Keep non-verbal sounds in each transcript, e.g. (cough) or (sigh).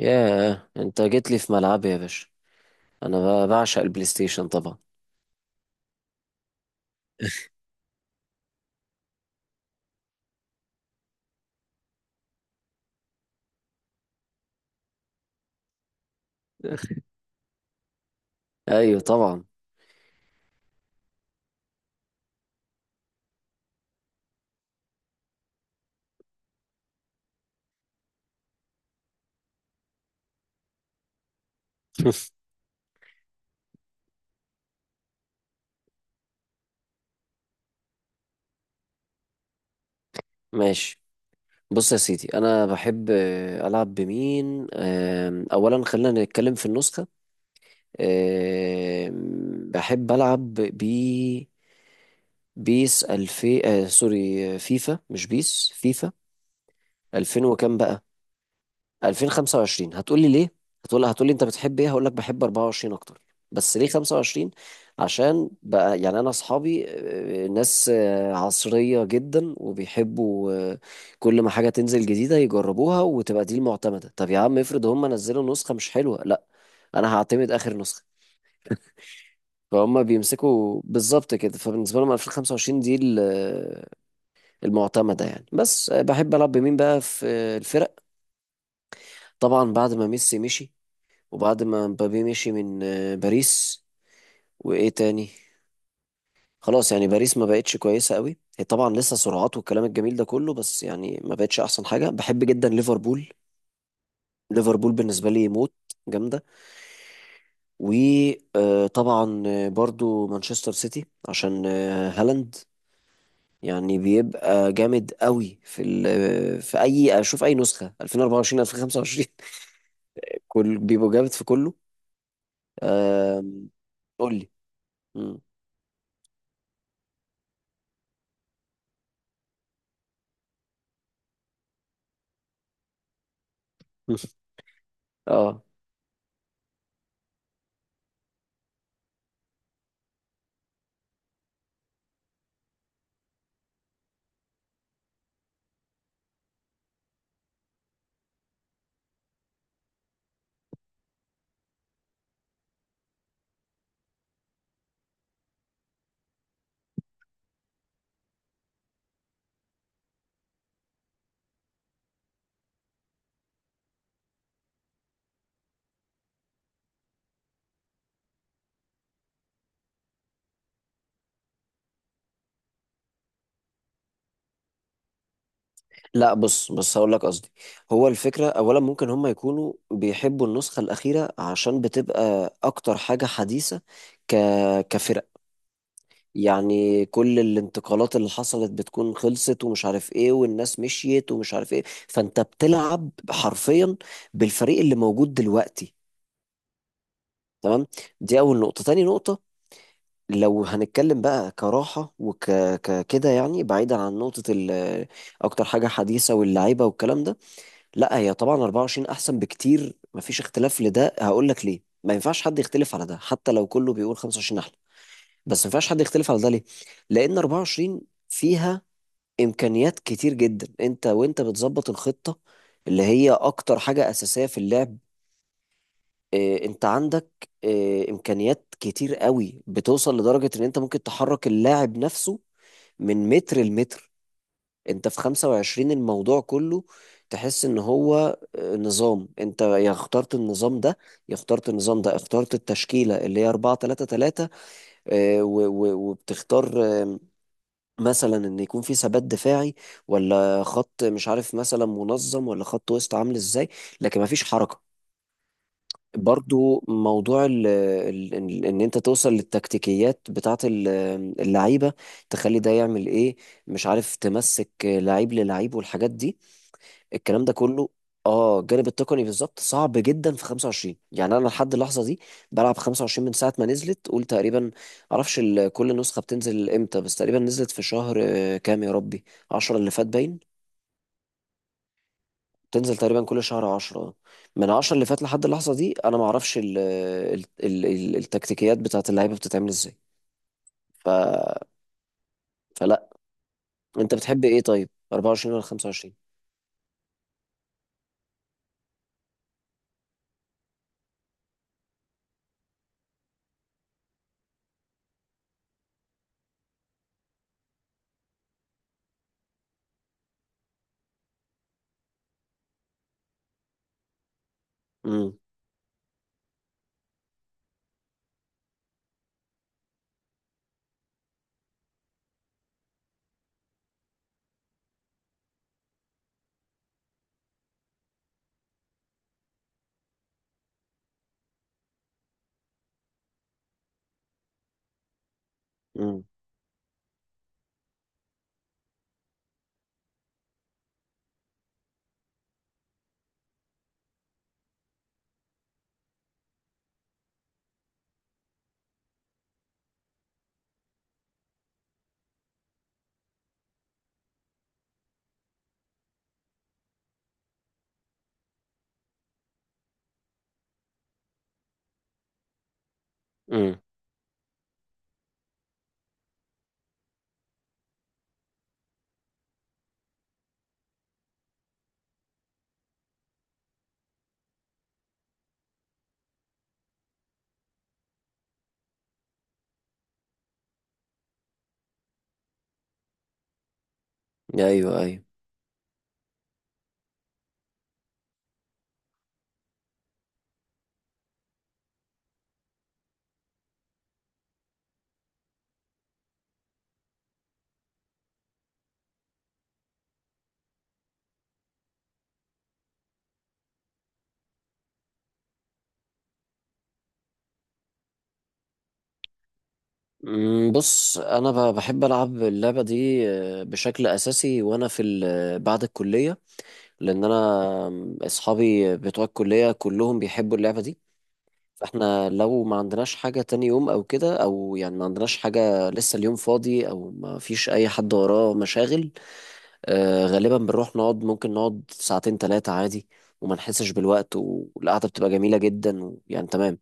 ياه، انت جيت لي في ملعبي يا باشا. انا بعشق البلاي ستيشن طبعا. ايوه طبعا. (laughs) ماشي. بص يا سيدي، انا بحب العب بمين، اولا خلينا نتكلم في النسخه. بحب العب بيس الفي، سوري، فيفا، مش بيس فيفا. 2000 وكام بقى؟ 2025. هتقولي ليه؟ هتقولي انت بتحب ايه؟ هقول لك بحب 24 اكتر. بس ليه 25؟ عشان بقى يعني انا اصحابي ناس عصرية جدا، وبيحبوا كل ما حاجة تنزل جديدة يجربوها وتبقى دي المعتمدة. طب يا عم، افرض هم نزلوا نسخة مش حلوة؟ لا، انا هعتمد اخر نسخة. فهم بيمسكوا بالظبط كده. فبالنسبة لهم 2025 دي المعتمدة يعني. بس بحب ألعب بمين بقى في الفرق. طبعا بعد ما ميسي مشي، وبعد ما مبابي مشي من باريس. وايه تاني؟ خلاص يعني باريس ما بقتش كويسه قوي. هي طبعا لسه سرعات والكلام الجميل ده كله، بس يعني ما بقتش احسن حاجه. بحب جدا ليفربول. ليفربول بالنسبه لي موت، جامده. وطبعا برضو مانشستر سيتي عشان هالاند. يعني بيبقى جامد قوي في في اي، اشوف اي نسخه 2024، 2025. (laughs) كل بيبقوا جامد في كله. آم، قول لي. مم. (laughs) اه. لا بص بص، هقول لك قصدي. هو الفكرة أولا ممكن هم يكونوا بيحبوا النسخة الأخيرة عشان بتبقى أكتر حاجة حديثة، ك... كفرق يعني. كل الانتقالات اللي حصلت بتكون خلصت ومش عارف إيه، والناس مشيت ومش عارف إيه. فأنت بتلعب حرفيا بالفريق اللي موجود دلوقتي. تمام. دي أول نقطة. تاني نقطة، لو هنتكلم بقى كراحة كده يعني، بعيدا عن نقطة أكتر حاجة حديثة واللعيبة والكلام ده، لا هي طبعا 24 احسن بكتير، مفيش اختلاف لده. هقول لك ليه ما ينفعش حد يختلف على ده حتى لو كله بيقول 25 احلى. بس ما ينفعش حد يختلف على ده ليه؟ لان 24 فيها امكانيات كتير جدا. انت وانت بتظبط الخطة، اللي هي اكتر حاجة اساسية في اللعب، اه انت عندك اه امكانيات كتير قوي. بتوصل لدرجة ان انت ممكن تحرك اللاعب نفسه من متر لمتر. انت في 25 الموضوع كله تحس ان هو نظام. انت يا اخترت النظام ده، يا اخترت النظام ده. اخترت التشكيلة اللي هي 4 3 3، اه، و- و- وبتختار اه، مثلا ان يكون في ثبات دفاعي، ولا خط مش عارف مثلا منظم، ولا خط وسط عامل ازاي. لكن مفيش حركة. برضو موضوع ان انت توصل للتكتيكيات بتاعت اللعيبة، تخلي ده يعمل ايه. مش عارف تمسك لعيب للعيب والحاجات دي، الكلام ده كله. اه، الجانب التقني بالظبط صعب جدا في 25. يعني انا لحد اللحظه دي بلعب 25 من ساعه ما نزلت قول تقريبا. معرفش كل نسخه بتنزل امتى، بس تقريبا نزلت في شهر كام يا ربي، 10 اللي فات باين. تنزل تقريبا كل شهر 10. من 10 اللي فات لحد اللحظه دي، انا ما اعرفش ال ال ال ال التكتيكيات بتاعت اللعيبه بتتعمل ازاي. ف- فلا. انت بتحب ايه طيب، 24 ولا 25؟ امم امم امم، ايوه ايوه. مم، بص انا بحب العب اللعبه دي بشكل اساسي وانا في بعد الكليه، لان انا اصحابي بتوع الكليه كلهم بيحبوا اللعبه دي. فاحنا لو ما عندناش حاجه تاني يوم او كده، او يعني ما عندناش حاجه لسه، اليوم فاضي او ما فيش اي حد وراه مشاغل، غالبا بنروح نقعد، ممكن نقعد ساعتين ثلاثه عادي وما نحسش بالوقت. والقعده بتبقى جميله جدا يعني، تمام.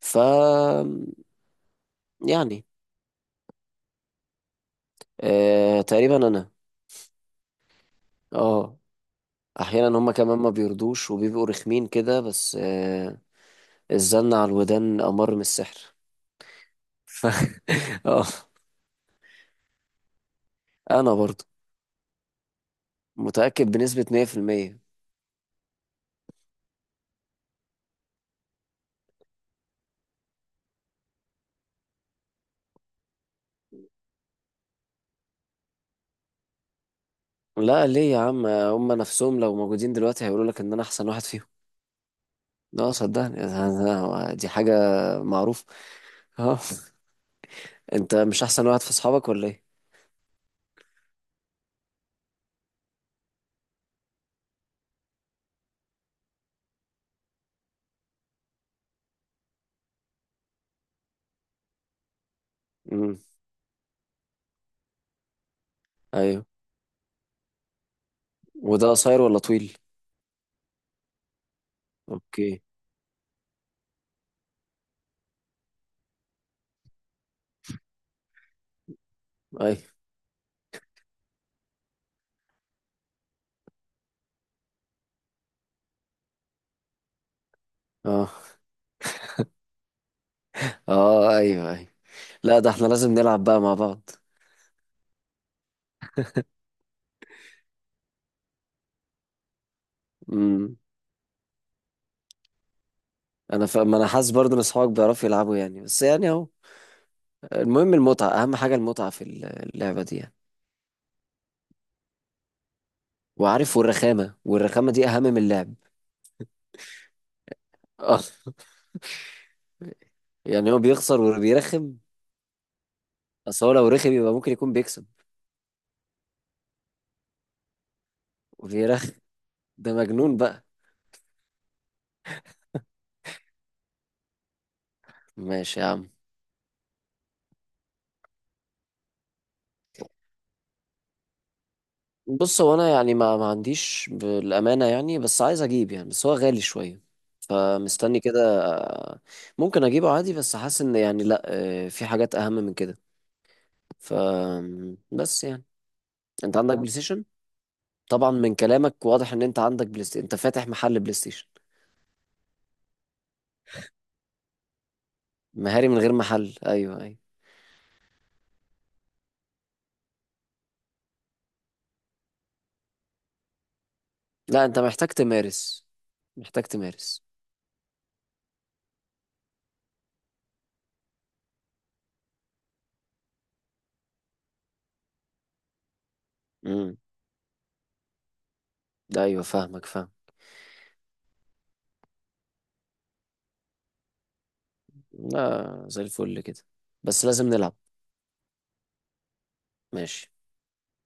ف يعني تقريبا انا. اه. احيانا هما كمان ما بيرضوش وبيبقوا رخمين كده، بس الزن على الودان امر من السحر. ف... (laughs) اه. انا برضو متاكد بنسبه 100%. لا ليه يا عم؟ هما نفسهم لو موجودين دلوقتي هيقولوا لك ان انا احسن واحد فيهم. لا صدقني، دي حاجه معروفه. (laughs) اه. انت مش احسن واحد في اصحابك ولا ايه؟ امم. ايوه. وده قصير ولا طويل؟ اوكي. ايوه. اه. (laughs) اه ايوه ايوه. لا، ده احنا لازم نلعب بقى مع بعض. امم. انا ما انا حاسس برضه ان اصحابك بيعرفوا يلعبوا يعني، بس يعني اهو. المهم المتعه، اهم حاجه المتعه في اللعبه دي يعني. وعارف، والرخامه، والرخامه دي اهم من اللعب. آه. (laughs) يعني هو بيخسر وبيرخم. اصل هو لو رخم يبقى ممكن يكون بيكسب. وبيرخم. ده مجنون بقى. ماشي يا عم. بص هو انا يعني ما عنديش بالامانه يعني، بس عايز اجيب يعني، بس هو غالي شويه فمستني كده. ممكن اجيبه عادي بس حاسس ان يعني لا، في حاجات اهم من كده. ف، بس يعني، انت عندك بلاي ستيشن؟ طبعا من كلامك واضح ان انت عندك بلاي ستيشن، انت فاتح محل بلاي ستيشن. مهاري من غير محل، ايوه ايوه. لا انت محتاج تمارس، محتاج تمارس. امم. ايوه، فاهمك، فاهم. لا، زي الفل كده. بس لازم نلعب. ماشي.